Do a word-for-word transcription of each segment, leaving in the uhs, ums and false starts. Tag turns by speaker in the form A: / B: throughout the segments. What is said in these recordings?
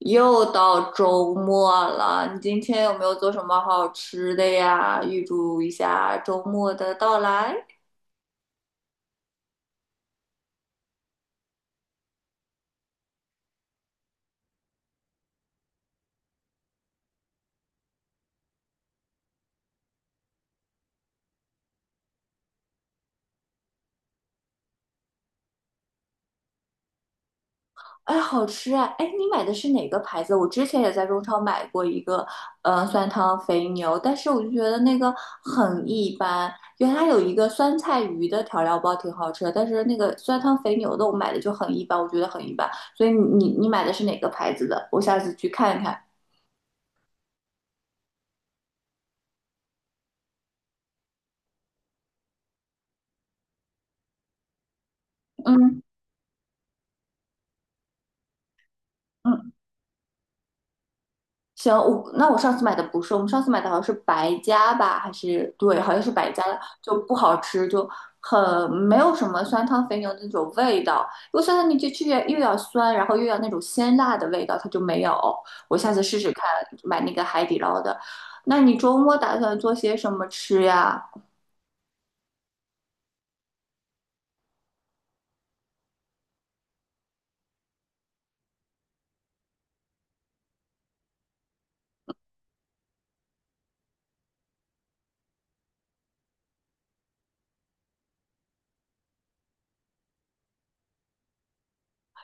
A: 又到周末了，你今天有没有做什么好吃的呀？预祝一下周末的到来。哎，好吃啊！哎，你买的是哪个牌子？我之前也在中超买过一个，呃，酸汤肥牛，但是我就觉得那个很一般。原来有一个酸菜鱼的调料包挺好吃的，但是那个酸汤肥牛的我买的就很一般，我觉得很一般。所以你你你买的是哪个牌子的？我下次去看看。嗯嗯，行，我那我上次买的不是，我们上次买的好像是白加吧，还是对，好像是白加的，就不好吃，就很没有什么酸汤肥牛的那种味道。因为酸汤牛就去又要酸，然后又要那种鲜辣的味道，它就没有。我下次试试看买那个海底捞的。那你周末打算做些什么吃呀？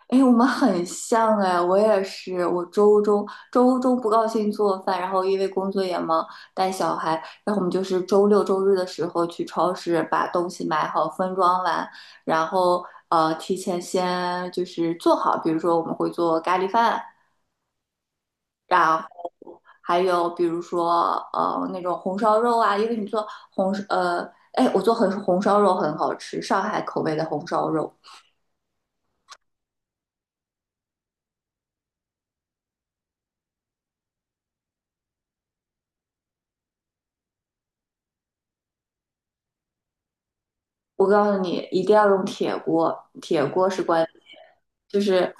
A: 哎，我们很像哎，我也是，我周中周中不高兴做饭，然后因为工作也忙，带小孩，然后我们就是周六周日的时候去超市把东西买好，分装完，然后呃提前先就是做好，比如说我们会做咖喱饭，然后还有比如说呃那种红烧肉啊，因为你做红呃哎我做红红烧肉很好吃，上海口味的红烧肉。我告诉你，一定要用铁锅，铁锅是关键。就是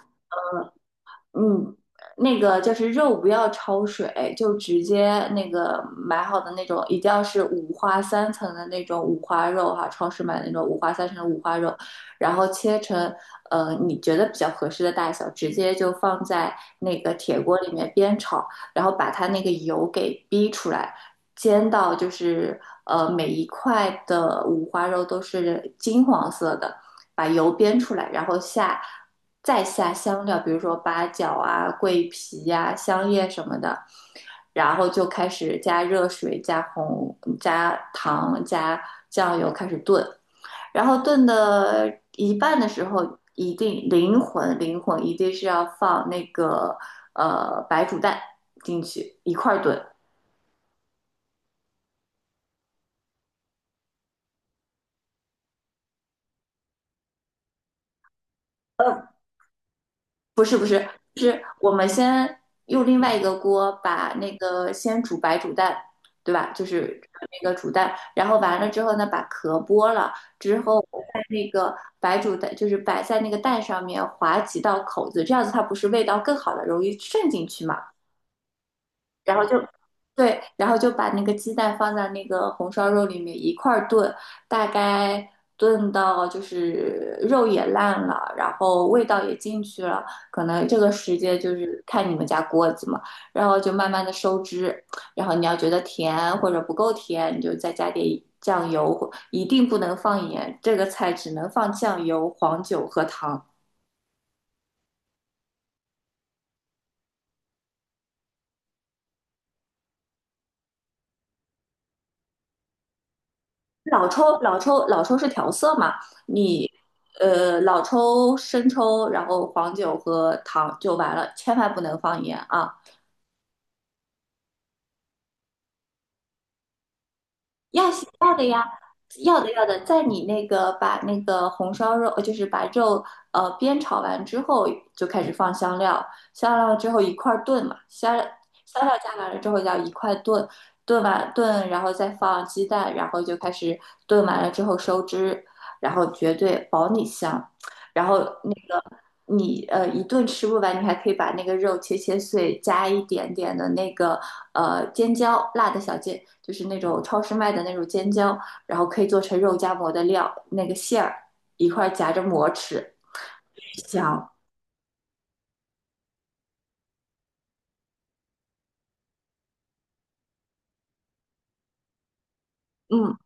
A: 嗯，那个就是肉不要焯水，就直接那个买好的那种，一定要是五花三层的那种五花肉哈、超市买的那种五花三层的五花肉，然后切成呃你觉得比较合适的大小，直接就放在那个铁锅里面煸炒，然后把它那个油给逼出来，煎到就是呃每一块的五花肉都是金黄色的。把油煸出来，然后下再下香料，比如说八角啊、桂皮呀、啊香叶什么的，然后就开始加热水、加红、加糖、加酱油开始炖，然后炖的一半的时候，一定灵魂灵魂一定是要放那个呃白煮蛋进去一块儿炖。不是不是，是我们先用另外一个锅把那个先煮白煮蛋，对吧？就是那个煮蛋，然后完了之后呢，把壳剥了之后，在那个白煮蛋就是摆在那个蛋上面划几道口子，这样子它不是味道更好的，容易渗进去嘛？然后就对，然后就把那个鸡蛋放在那个红烧肉里面一块儿炖，大概炖到就是肉也烂了，然后味道也进去了，可能这个时间就是看你们家锅子嘛，然后就慢慢的收汁，然后你要觉得甜或者不够甜，你就再加点酱油，一定不能放盐，这个菜只能放酱油、黄酒和糖。老抽，老抽，老抽是调色嘛？你呃，老抽、生抽，然后黄酒和糖就完了，千万不能放盐啊！要洗要的呀，要的要的，在你那个把那个红烧肉，呃就是把肉呃煸炒完之后，就开始放香料，香料之后一块儿炖嘛，香香料加完了之后要一块炖，炖完炖，然后再放鸡蛋，然后就开始炖完了之后收汁，然后绝对保你香。然后那个你呃一顿吃不完，你还可以把那个肉切切碎，加一点点的那个呃尖椒，辣的小尖，就是那种超市卖的那种尖椒，然后可以做成肉夹馍的料，那个馅儿一块儿夹着馍吃，香。嗯，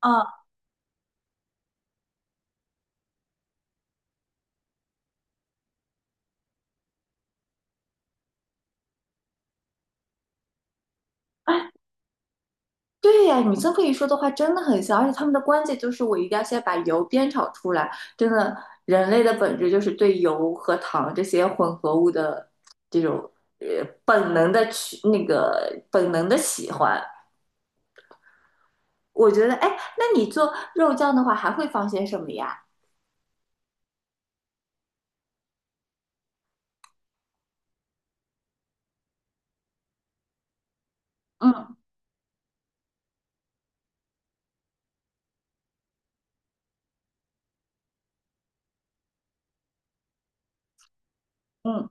A: 啊，对呀，你这么一说的话，真的很香。而且他们的关键就是我一定要先把油煸炒出来。真的，人类的本质就是对油和糖这些混合物的这种呃本能的去那个本能的喜欢。我觉得，哎，那你做肉酱的话，还会放些什么呀？嗯嗯，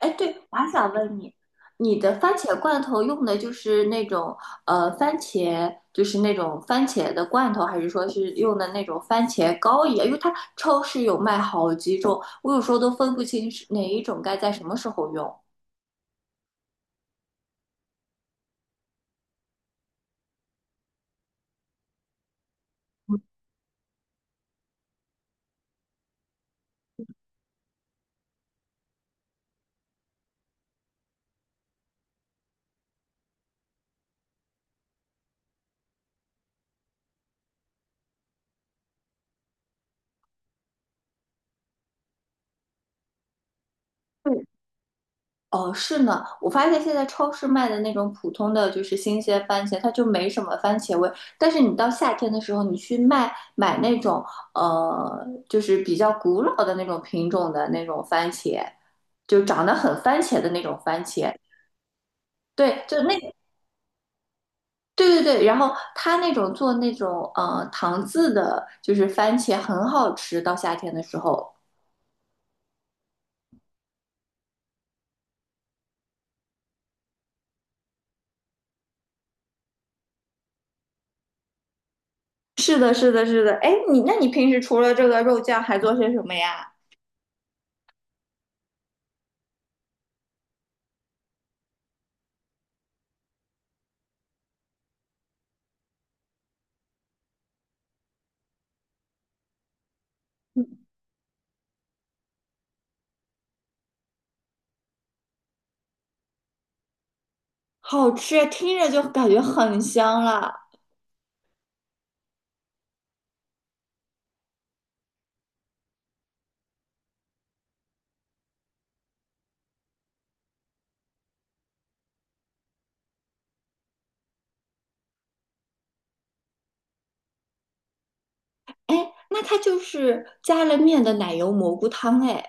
A: 哎，对，我还想问你，你的番茄罐头用的就是那种呃番茄，就是那种番茄的罐头，还是说是用的那种番茄膏一样？因为它超市有卖好几种，我有时候都分不清是哪一种该在什么时候用。哦，是呢，我发现现在超市卖的那种普通的就是新鲜番茄，它就没什么番茄味。但是你到夏天的时候，你去卖买那种呃，就是比较古老的那种品种的那种番茄，就长得很番茄的那种番茄。对，就那，对对对。然后它那种做那种呃糖渍的，就是番茄很好吃。到夏天的时候，是的，是的，是的。哎，你那你平时除了这个肉酱还做些什么呀？好吃啊，听着就感觉很香了。哎，那它就是加了面的奶油蘑菇汤，哎，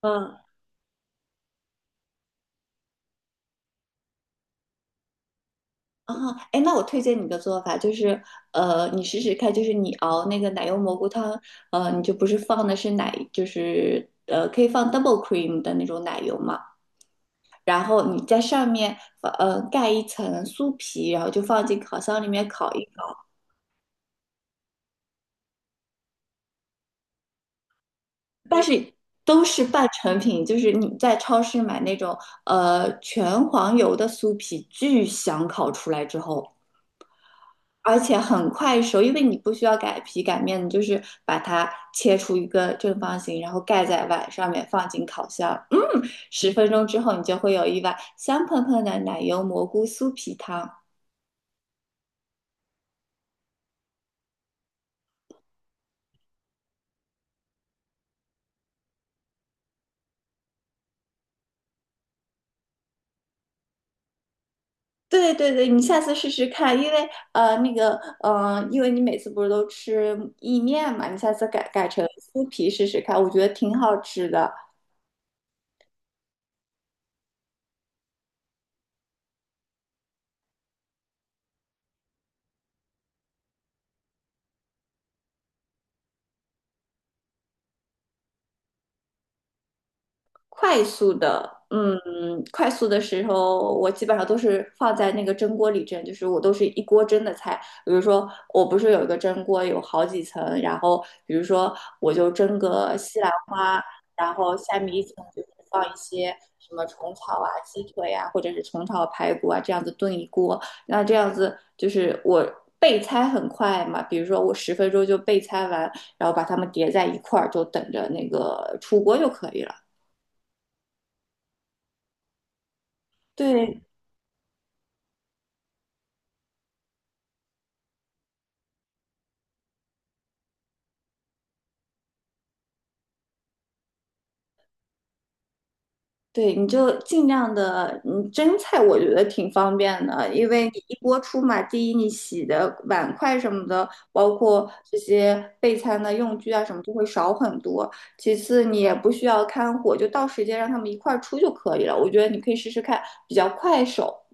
A: 嗯，啊，哎，那我推荐你个做法，就是呃，你试试看，就是你熬那个奶油蘑菇汤，呃，你就不是放的是奶，就是呃，可以放 double cream 的那种奶油嘛，然后你在上面呃盖一层酥皮，然后就放进烤箱里面烤。一。但是都是半成品，就是你在超市买那种呃全黄油的酥皮，巨香烤出来之后，而且很快熟，因为你不需要擀皮擀面，你就是把它切出一个正方形，然后盖在碗上面，放进烤箱，嗯，十分钟之后你就会有一碗香喷喷的奶油蘑菇酥皮汤。对对对，你下次试试看，因为呃那个呃，因为你每次不是都吃意面嘛，你下次改改成酥皮试试看，我觉得挺好吃的。快速的，嗯，快速的时候，我基本上都是放在那个蒸锅里蒸，就是我都是一锅蒸的菜。比如说，我不是有一个蒸锅，有好几层，然后比如说我就蒸个西兰花，然后下面一层就是放一些什么虫草啊、鸡腿啊，或者是虫草排骨啊，这样子炖一锅。那这样子就是我备菜很快嘛，比如说我十分钟就备菜完，然后把它们叠在一块儿，就等着那个出锅就可以了。对对，你就尽量的，嗯，蒸菜我觉得挺方便的，因为你一锅出嘛，第一你洗的碗筷什么的，包括这些备餐的用具啊什么，就会少很多。其次你也不需要看火，就到时间让他们一块儿出就可以了。我觉得你可以试试看，比较快手。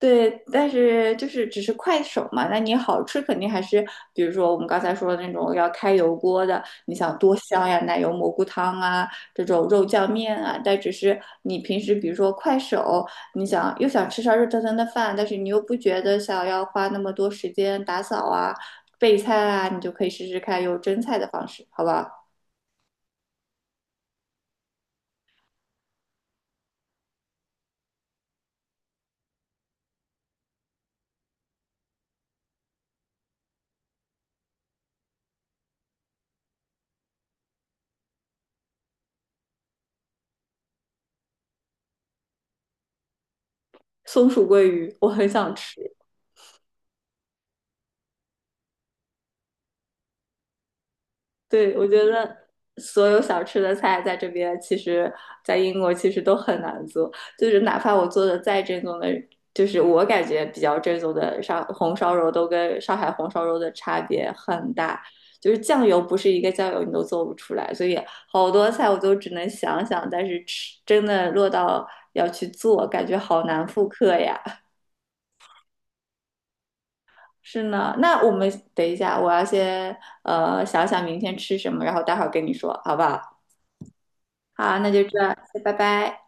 A: 对，但是就是只是快手嘛，那你好吃肯定还是，比如说我们刚才说的那种要开油锅的，你想多香呀，奶油蘑菇汤啊，这种肉酱面啊，但只是你平时比如说快手，你想又想吃上热腾腾的饭，但是你又不觉得想要花那么多时间打扫啊、备菜啊，你就可以试试看用蒸菜的方式，好不好？松鼠桂鱼，我很想吃。对，我觉得所有想吃的菜在这边，其实在英国其实都很难做，就是哪怕我做的再正宗的，就是我感觉比较正宗的上红烧肉，都跟上海红烧肉的差别很大。就是酱油不是一个酱油你都做不出来，所以好多菜我都只能想想，但是吃真的落到要去做，感觉好难复刻呀。是呢，那我们等一下，我要先呃想想明天吃什么，然后待会儿跟你说，好不好？好，那就这样拜拜。